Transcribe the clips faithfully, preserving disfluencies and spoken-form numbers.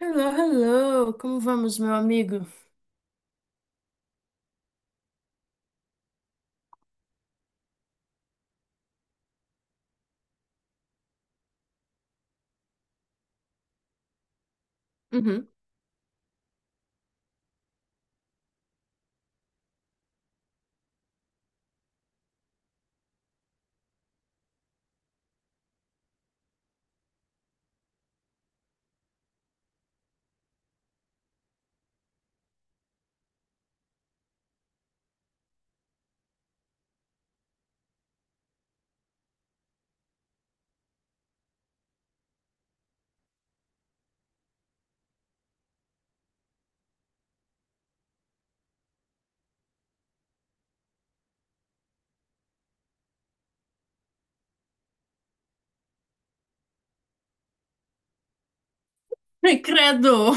Hello, hello, como vamos, meu amigo? Uhum. Ai, credo!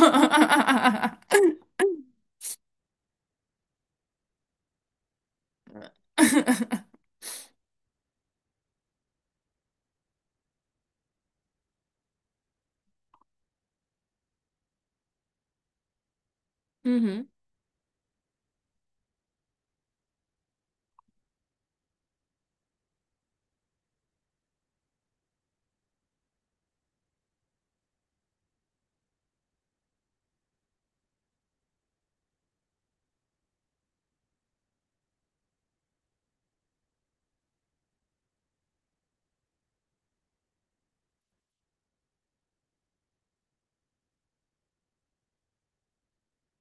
Uhum,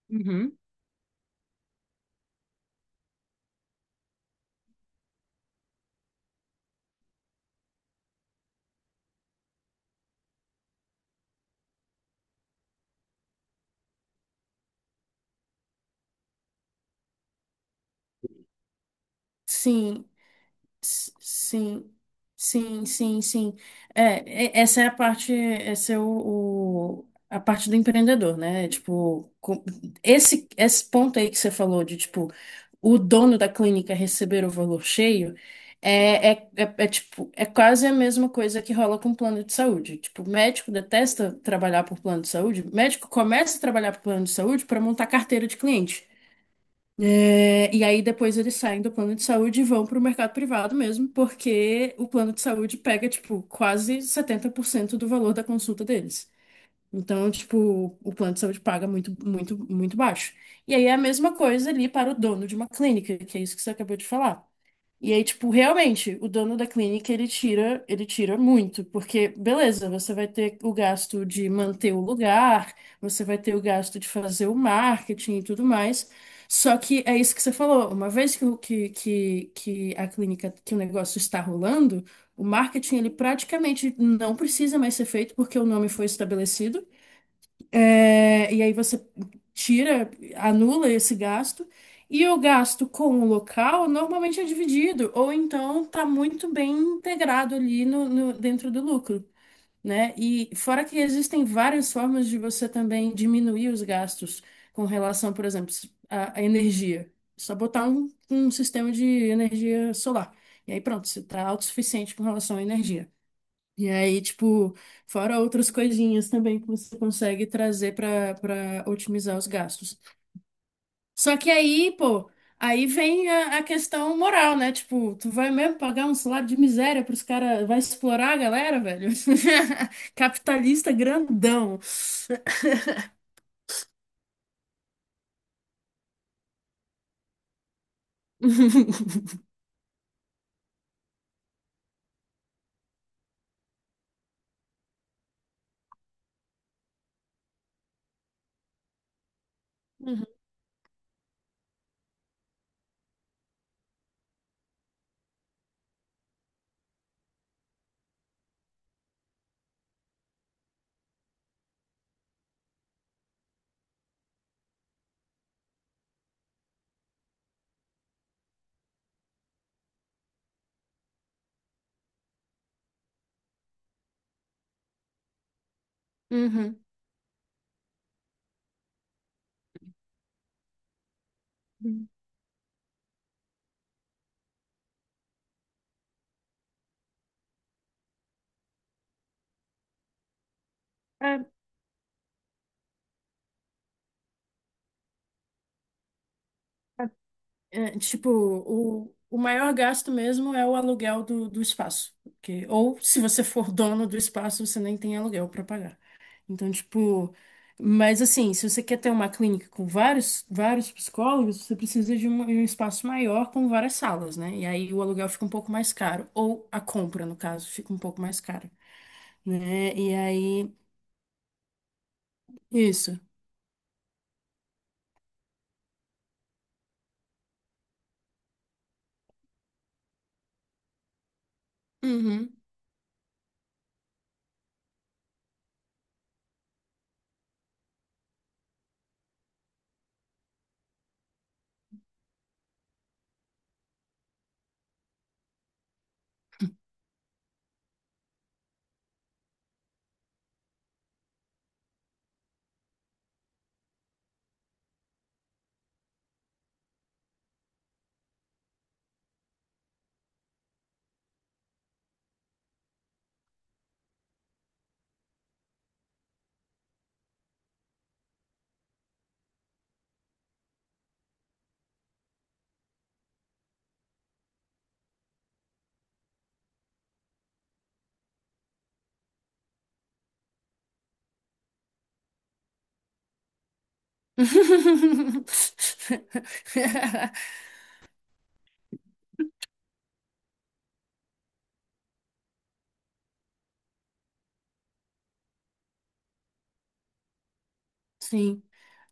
uhum. Sim, s- sim, sim, sim, sim. É, e- essa é a parte, essa é o, o- a parte do empreendedor, né? Tipo, com- esse, esse ponto aí que você falou de, tipo, o dono da clínica receber o valor cheio é, é, é, é, tipo, é quase a mesma coisa que rola com plano de saúde. Tipo, o médico detesta trabalhar por plano de saúde, o médico começa a trabalhar por plano de saúde para montar carteira de cliente. É, e aí depois eles saem do plano de saúde e vão para o mercado privado mesmo, porque o plano de saúde pega, tipo, quase setenta por cento do valor da consulta deles. Então, tipo, o plano de saúde paga muito, muito, muito baixo. E aí é a mesma coisa ali para o dono de uma clínica, que é isso que você acabou de falar. E aí, tipo, realmente, o dono da clínica, ele tira, ele tira muito, porque, beleza, você vai ter o gasto de manter o lugar, você vai ter o gasto de fazer o marketing e tudo mais. Só que é isso que você falou, uma vez que, o- que, que, que a clínica, que o negócio está rolando, o marketing, ele praticamente não precisa mais ser feito porque o nome foi estabelecido. É, e aí você tira, anula esse gasto. E o gasto com o local normalmente é dividido, ou então está muito bem integrado ali no, no- dentro do lucro, né? E fora que existem várias formas de você também diminuir os gastos com relação, por exemplo, à à energia. Só botar um, um sistema de energia solar. E aí pronto, você está autossuficiente com relação à energia. E aí, tipo, fora outras coisinhas também que você consegue trazer para para otimizar os gastos. Só que aí, pô, aí vem a, a questão moral, né? Tipo, tu vai mesmo pagar um salário de miséria pros caras, vai explorar a galera, velho? Capitalista grandão. Uhum, uhum. É, tipo, o, o maior gasto mesmo é o aluguel do, do espaço. Porque, ou se você for dono do espaço, você nem tem aluguel para pagar. Então, tipo, mas assim, se você quer ter uma clínica com vários, vários psicólogos, você precisa de um, de um espaço maior com várias salas, né? E aí o aluguel fica um pouco mais caro. Ou a compra, no caso, fica um pouco mais cara, né? E aí, isso. Uhum. Sim.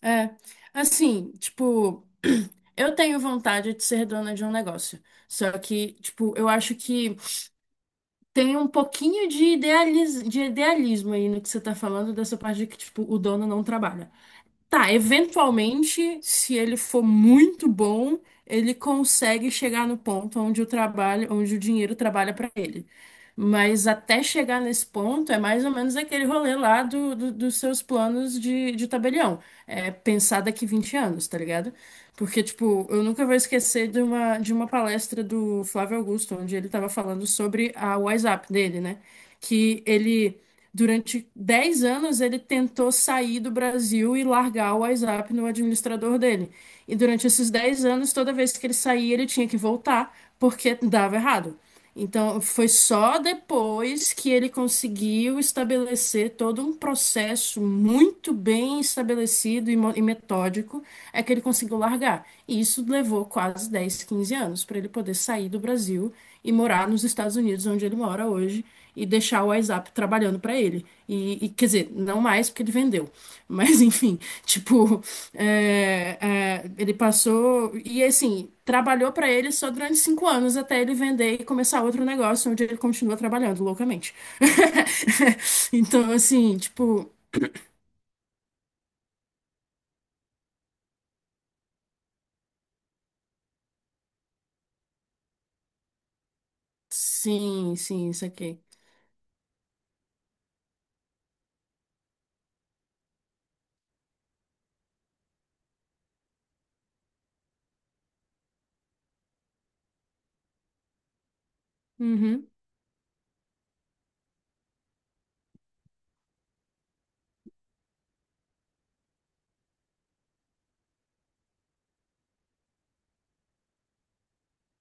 É, assim, tipo, eu tenho vontade de ser dona de um negócio. Só que, tipo, eu acho que tem um pouquinho de idealis- de idealismo aí no que você tá falando, dessa parte de que, tipo, o dono não trabalha. Tá, eventualmente, se ele for muito bom, ele consegue chegar no ponto onde o trabalho, onde o dinheiro trabalha pra ele. Mas até chegar nesse ponto, é mais ou menos aquele rolê lá do, do- dos seus planos de, de tabelião. É pensar daqui vinte anos, tá ligado? Porque, tipo, eu nunca vou esquecer de uma, de uma palestra do Flávio Augusto, onde ele tava falando sobre a WhatsApp dele, né? Que ele, durante dez anos, ele tentou sair do Brasil e largar o WhatsApp no administrador dele. E durante esses dez anos, toda vez que ele saía, ele tinha que voltar, porque dava errado. Então, foi só depois que ele conseguiu estabelecer todo um processo muito bem estabelecido e, mo- e metódico, é que ele conseguiu largar. E isso levou quase dez, quinze anos para ele poder sair do Brasil e morar nos Estados Unidos, onde ele mora hoje e deixar o WhatsApp trabalhando para ele. E, e, quer dizer, não mais porque ele vendeu. Mas enfim, tipo, é, é, ele passou e assim, trabalhou para ele só durante cinco anos até ele vender e começar outro negócio onde ele continua trabalhando loucamente. Então, assim, tipo, sim, sim, isso aqui. Uhum,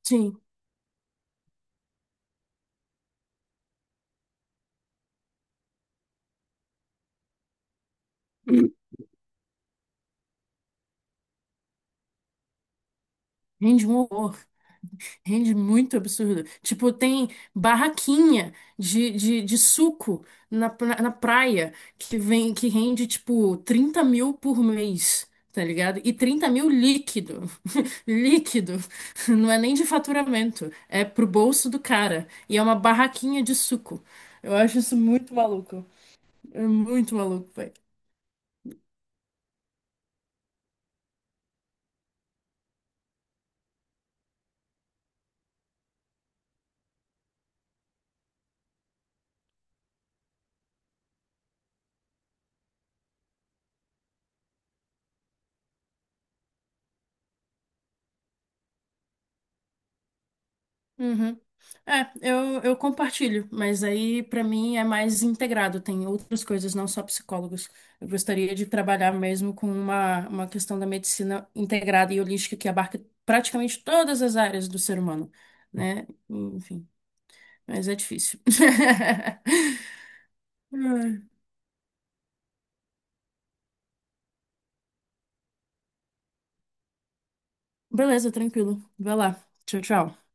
sim. Rende um horror. Rende muito absurdo. Tipo, tem barraquinha de, de, de suco na, pra- na praia que vem que rende, tipo, trinta mil por mês, tá ligado? E trinta mil líquido. Líquido. Não é nem de faturamento. É pro bolso do cara. E é uma barraquinha de suco. Eu acho isso muito maluco. É muito maluco. Uhum. É, eu, eu compartilho, mas aí pra mim é mais integrado, tem outras coisas, não só psicólogos. Eu gostaria de trabalhar mesmo com uma, uma questão da medicina integrada e holística que abarca praticamente todas as áreas do ser humano, né? Enfim, mas é difícil. Beleza, tranquilo. Vai lá. Tchau, tchau.